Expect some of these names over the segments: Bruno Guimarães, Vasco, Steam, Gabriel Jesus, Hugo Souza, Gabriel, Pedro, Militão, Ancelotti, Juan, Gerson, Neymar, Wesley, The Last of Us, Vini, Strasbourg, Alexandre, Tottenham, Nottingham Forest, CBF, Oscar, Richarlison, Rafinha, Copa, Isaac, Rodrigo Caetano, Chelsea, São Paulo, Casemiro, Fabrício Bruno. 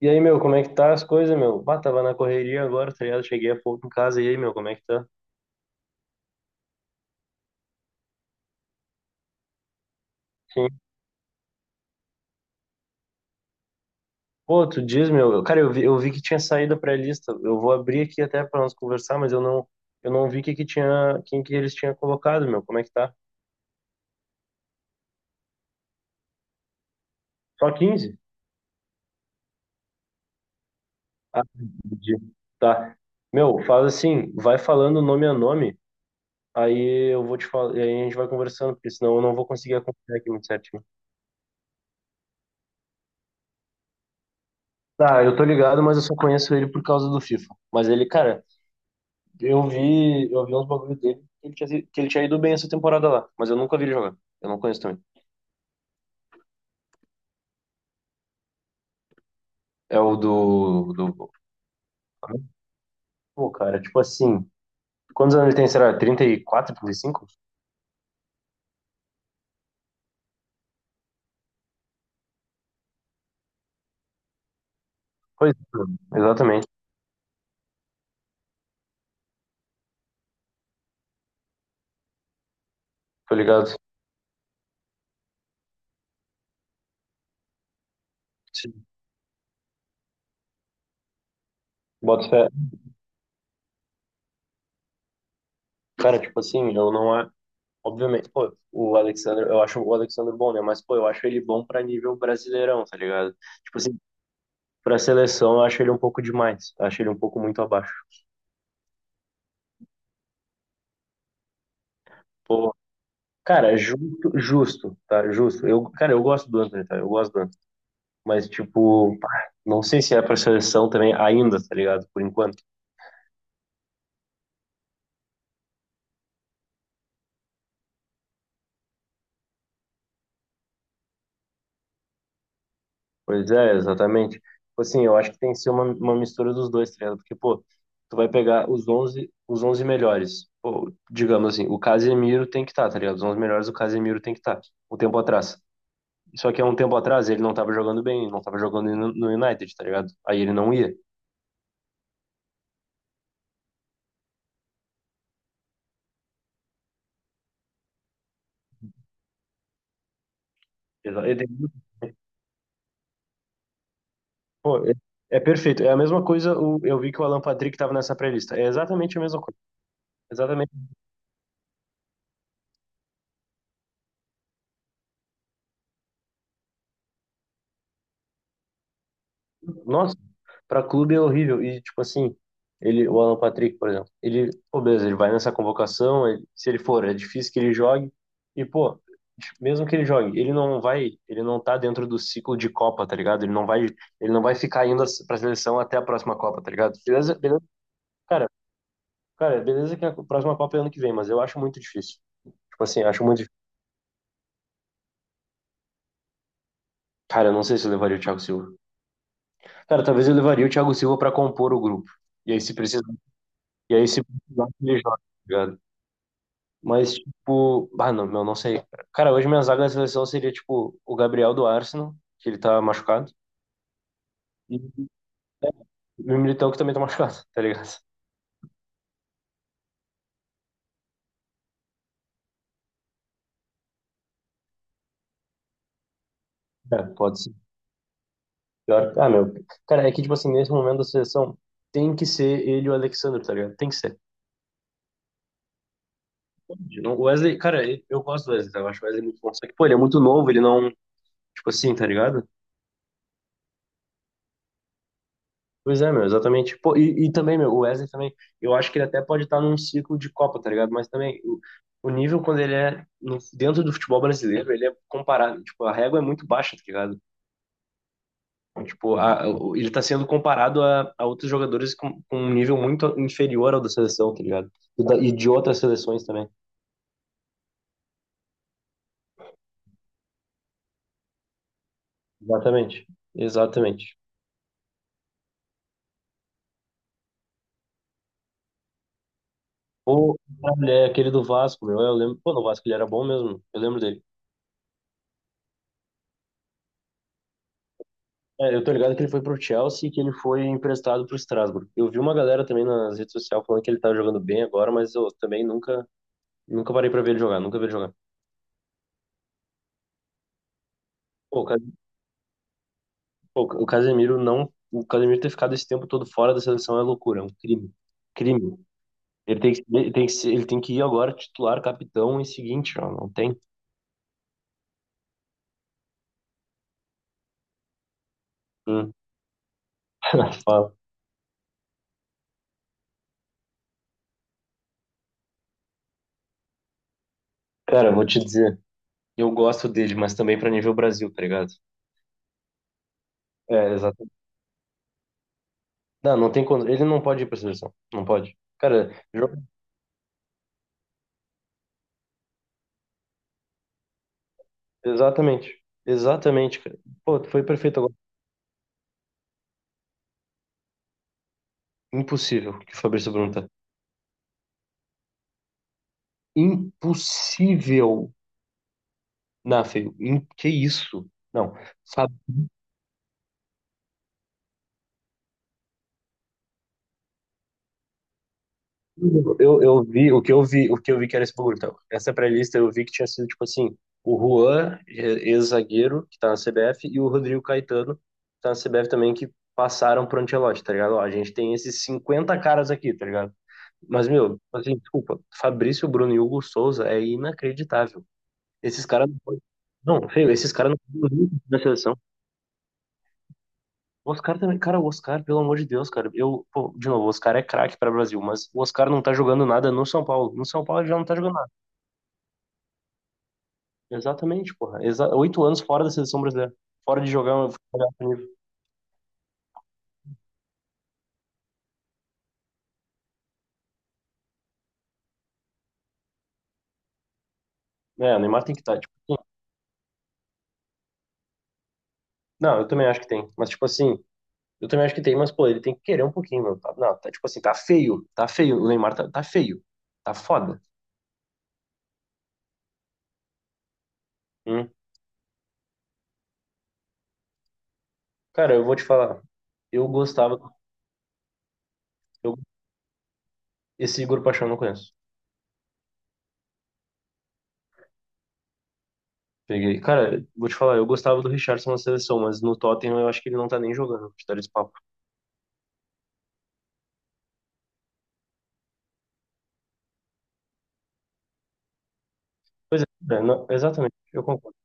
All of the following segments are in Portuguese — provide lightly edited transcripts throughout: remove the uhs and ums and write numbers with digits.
E aí, meu, como é que tá as coisas, meu? Bah, tava na correria agora, tá ligado? Cheguei há pouco em casa. E aí, meu, como é que tá? Sim. Pô, tu diz, meu. Cara, eu vi que tinha saído a pré-lista. Eu vou abrir aqui até pra nós conversar, mas eu não vi que tinha, quem que eles tinham colocado, meu. Como é que tá? Só 15. Ah, entendi. Tá. Meu, faz assim, vai falando nome a nome, aí eu vou te falar, aí a gente vai conversando, porque senão eu não vou conseguir acompanhar aqui muito certinho. Tá, eu tô ligado, mas eu só conheço ele por causa do FIFA. Mas ele, cara, eu vi uns bagulhos dele que ele tinha, que ele tinha ido bem essa temporada lá, mas eu nunca vi ele jogar. Eu não conheço também. É o do. Pô, cara, tipo assim, quantos anos ele tem, será? 34, 35? Pois é, exatamente, tô ligado. Sim. Bota fé. Cara, tipo assim, eu não é. Obviamente, pô, o Alexander, eu acho o Alexander bom, né? Mas, pô, eu acho ele bom pra nível brasileirão, tá ligado? Tipo assim, pra seleção eu acho ele um pouco demais. Acho ele um pouco muito abaixo. Pô, cara, justo, justo, tá? Justo. Eu, cara, eu gosto do Antony, tá? Eu gosto do Antony. Mas, tipo, pá, não sei se é pra seleção também ainda, tá ligado? Por enquanto. Pois é, exatamente. Tipo assim, eu acho que tem que ser uma mistura dos dois, tá ligado? Porque, pô, tu vai pegar os onze melhores. Pô, digamos assim, o Casemiro tem que estar, tá ligado? Os 11 melhores, o Casemiro tem que estar. Tá. Um tempo atrás. Só que há um tempo atrás ele não tava jogando bem, não tava jogando no United, tá ligado? Aí ele não ia. Pô, é perfeito. É a mesma coisa, eu vi que o Alan Patrick tava nessa pré-lista. É exatamente a mesma coisa. Exatamente. Nossa, pra clube é horrível. E, tipo assim, ele, o Alan Patrick, por exemplo, ele, pô, beleza, ele vai nessa convocação, se ele for, é difícil que ele jogue. E, pô, mesmo que ele jogue, ele não vai, ele não tá dentro do ciclo de Copa, tá ligado? Ele não vai ficar indo pra seleção até a próxima Copa, tá ligado? Beleza, beleza, cara, cara, beleza que a próxima Copa é ano que vem, mas eu acho muito difícil. Tipo assim, acho muito difícil. Cara, eu não sei se eu levaria o Thiago Silva. Cara, talvez eu levaria o Thiago Silva pra compor o grupo. E aí se precisar, e aí se precisar, ele joga, tá ligado? Mas, tipo, ah, não, meu, não sei, cara. Cara, hoje minha zaga da seleção seria, tipo, o Gabriel do Arsenal, que ele tá machucado, e o Militão, que também tá machucado, tá ligado? É, pode ser. Ah, meu. Cara, é que, tipo assim, nesse momento da seleção, tem que ser ele e o Alexandre, tá ligado? Tem que ser. O Wesley, cara, eu gosto do Wesley, tá? Eu acho o Wesley muito bom. Só que, pô, ele é muito novo, ele não, tipo assim, tá ligado? Pois é, meu, exatamente. Pô, e também, meu, o Wesley também, eu acho que ele até pode estar num ciclo de Copa, tá ligado? Mas também, o nível quando ele é dentro do futebol brasileiro, ele é comparado, tipo, a régua é muito baixa, tá ligado? Então, tipo, ele tá sendo comparado a outros jogadores com um nível muito inferior ao da seleção, tá ligado? E, e de outras seleções também. Exatamente, exatamente. Ou, é aquele do Vasco, meu, eu lembro, pô, no Vasco ele era bom mesmo, eu lembro dele. É, eu tô ligado que ele foi pro Chelsea e que ele foi emprestado pro Strasbourg. Eu vi uma galera também nas redes sociais falando que ele tá jogando bem agora, mas eu também nunca parei pra ver ele jogar, nunca vi ele jogar. Pô, pô, o Casemiro não, o Casemiro ter ficado esse tempo todo fora da seleção é loucura, é um crime, crime. Ele tem que ele tem que ir agora titular, capitão e seguinte, ó, não tem. Hum. Fala. Cara, eu vou te dizer, eu gosto dele, mas também pra nível Brasil, tá ligado? É, exato. Não, não tem, ele não pode ir pra seleção, não pode. Cara. Exatamente. Exatamente, cara. Pô, tu foi perfeito agora. Impossível que o Fabrício Bruno tá. Impossível. Não, feio. Que isso? Não. Fabrício, eu vi o que eu vi que era esse bagulho. Então, essa pré-lista eu vi que tinha sido tipo assim, o Juan, ex-zagueiro, que tá na CBF, e o Rodrigo Caetano, que tá na CBF também, que passaram pro Ancelotti, tá ligado? Ó, a gente tem esses 50 caras aqui, tá ligado? Mas, meu, assim, desculpa, Fabrício Bruno e Hugo Souza é inacreditável. Esses caras não podem. Não, feio, esses caras não podem nunca na seleção. O Oscar também, cara, o Oscar, pelo amor de Deus, cara. Eu, pô, de novo, o Oscar é craque para o Brasil, mas o Oscar não tá jogando nada no São Paulo. No São Paulo ele já não tá jogando nada. Exatamente, porra. Exa 8 anos fora da seleção brasileira. Fora de jogar um futebol de alto nível. É, o Neymar tem que estar, tipo, assim, não, eu também acho que tem, mas tipo assim, eu também acho que tem, mas pô, ele tem que querer um pouquinho, mano. Não, tá tipo assim, tá feio, o Neymar tá feio, tá foda. Hum. Cara, eu vou te falar, eu gostava, eu, esse Igor Paixão eu não conheço. Peguei. Cara, vou te falar, eu gostava do Richarlison na seleção, mas no Tottenham eu acho que ele não tá nem jogando, pra te dar esse papo. Pois é, exatamente, eu concordo.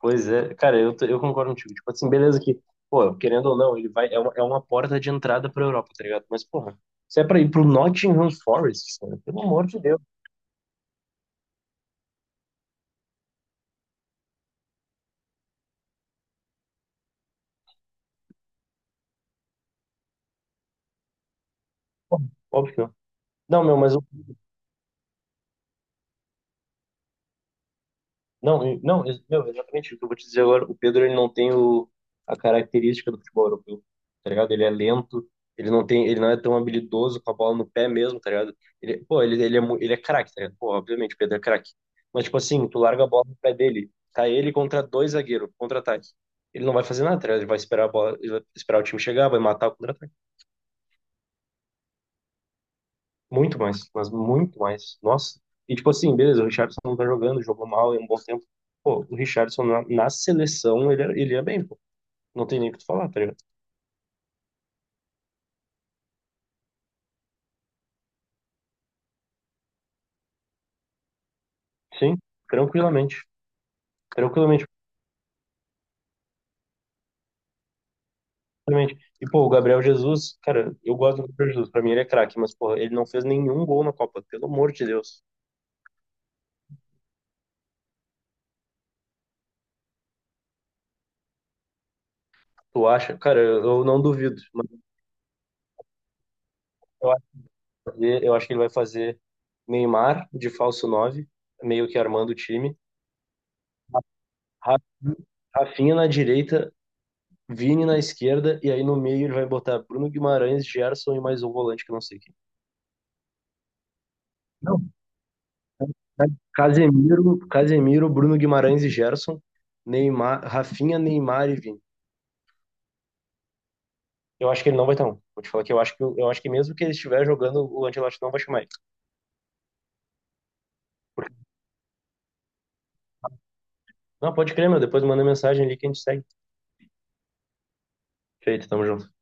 Pois é, cara, eu concordo contigo. Tipo assim, beleza que, pô, querendo ou não, ele vai, é uma porta de entrada pra Europa, tá ligado? Mas, porra, se é pra ir pro Nottingham Forest, cara, pelo amor de Deus, óbvio que não. Não, meu, mas o não, não, meu, exatamente o que eu vou te dizer agora. O Pedro, ele não tem a característica do futebol europeu, tá ligado? Ele é lento, ele não tem, ele não é tão habilidoso com a bola no pé mesmo, tá ligado? Ele, pô, ele é, ele é craque, tá ligado? Pô, obviamente, o Pedro é craque. Mas, tipo assim, tu larga a bola no pé dele, tá ele contra dois zagueiros, contra-ataque. Ele não vai fazer nada, tá ligado? Ele vai esperar a bola, ele vai esperar o time chegar, vai matar o contra-ataque. Muito mais, mas muito mais. Nossa. E tipo assim, beleza, o Richarlison não tá jogando, jogou mal em um bom tempo. Pô, o Richarlison na seleção, ele, ele é bem, pô. Não tem nem o que tu falar, tá ligado? Sim, tranquilamente. Tranquilamente, tranquilamente. E, pô, o Gabriel Jesus, cara, eu gosto do Gabriel Jesus. Pra mim ele é craque, mas, pô, ele não fez nenhum gol na Copa, pelo amor de Deus. Tu acha? Cara, eu não duvido. Mas eu acho que ele vai fazer Neymar de falso 9 meio que armando o time. Ra- Rafinha na direita, Vini na esquerda, e aí no meio ele vai botar Bruno Guimarães, Gerson e mais um volante que eu não sei quem. Não, Casemiro, Casemiro, Bruno Guimarães e Gerson, Neymar, Rafinha, Neymar e Vini. Eu acho que ele não vai estar um. Vou te falar que eu acho que mesmo que ele estiver jogando, o Ancelotti não vai chamar ele. Porque- Não, pode crer, meu. Depois manda mensagem ali que a gente segue. Feito, tamo junto.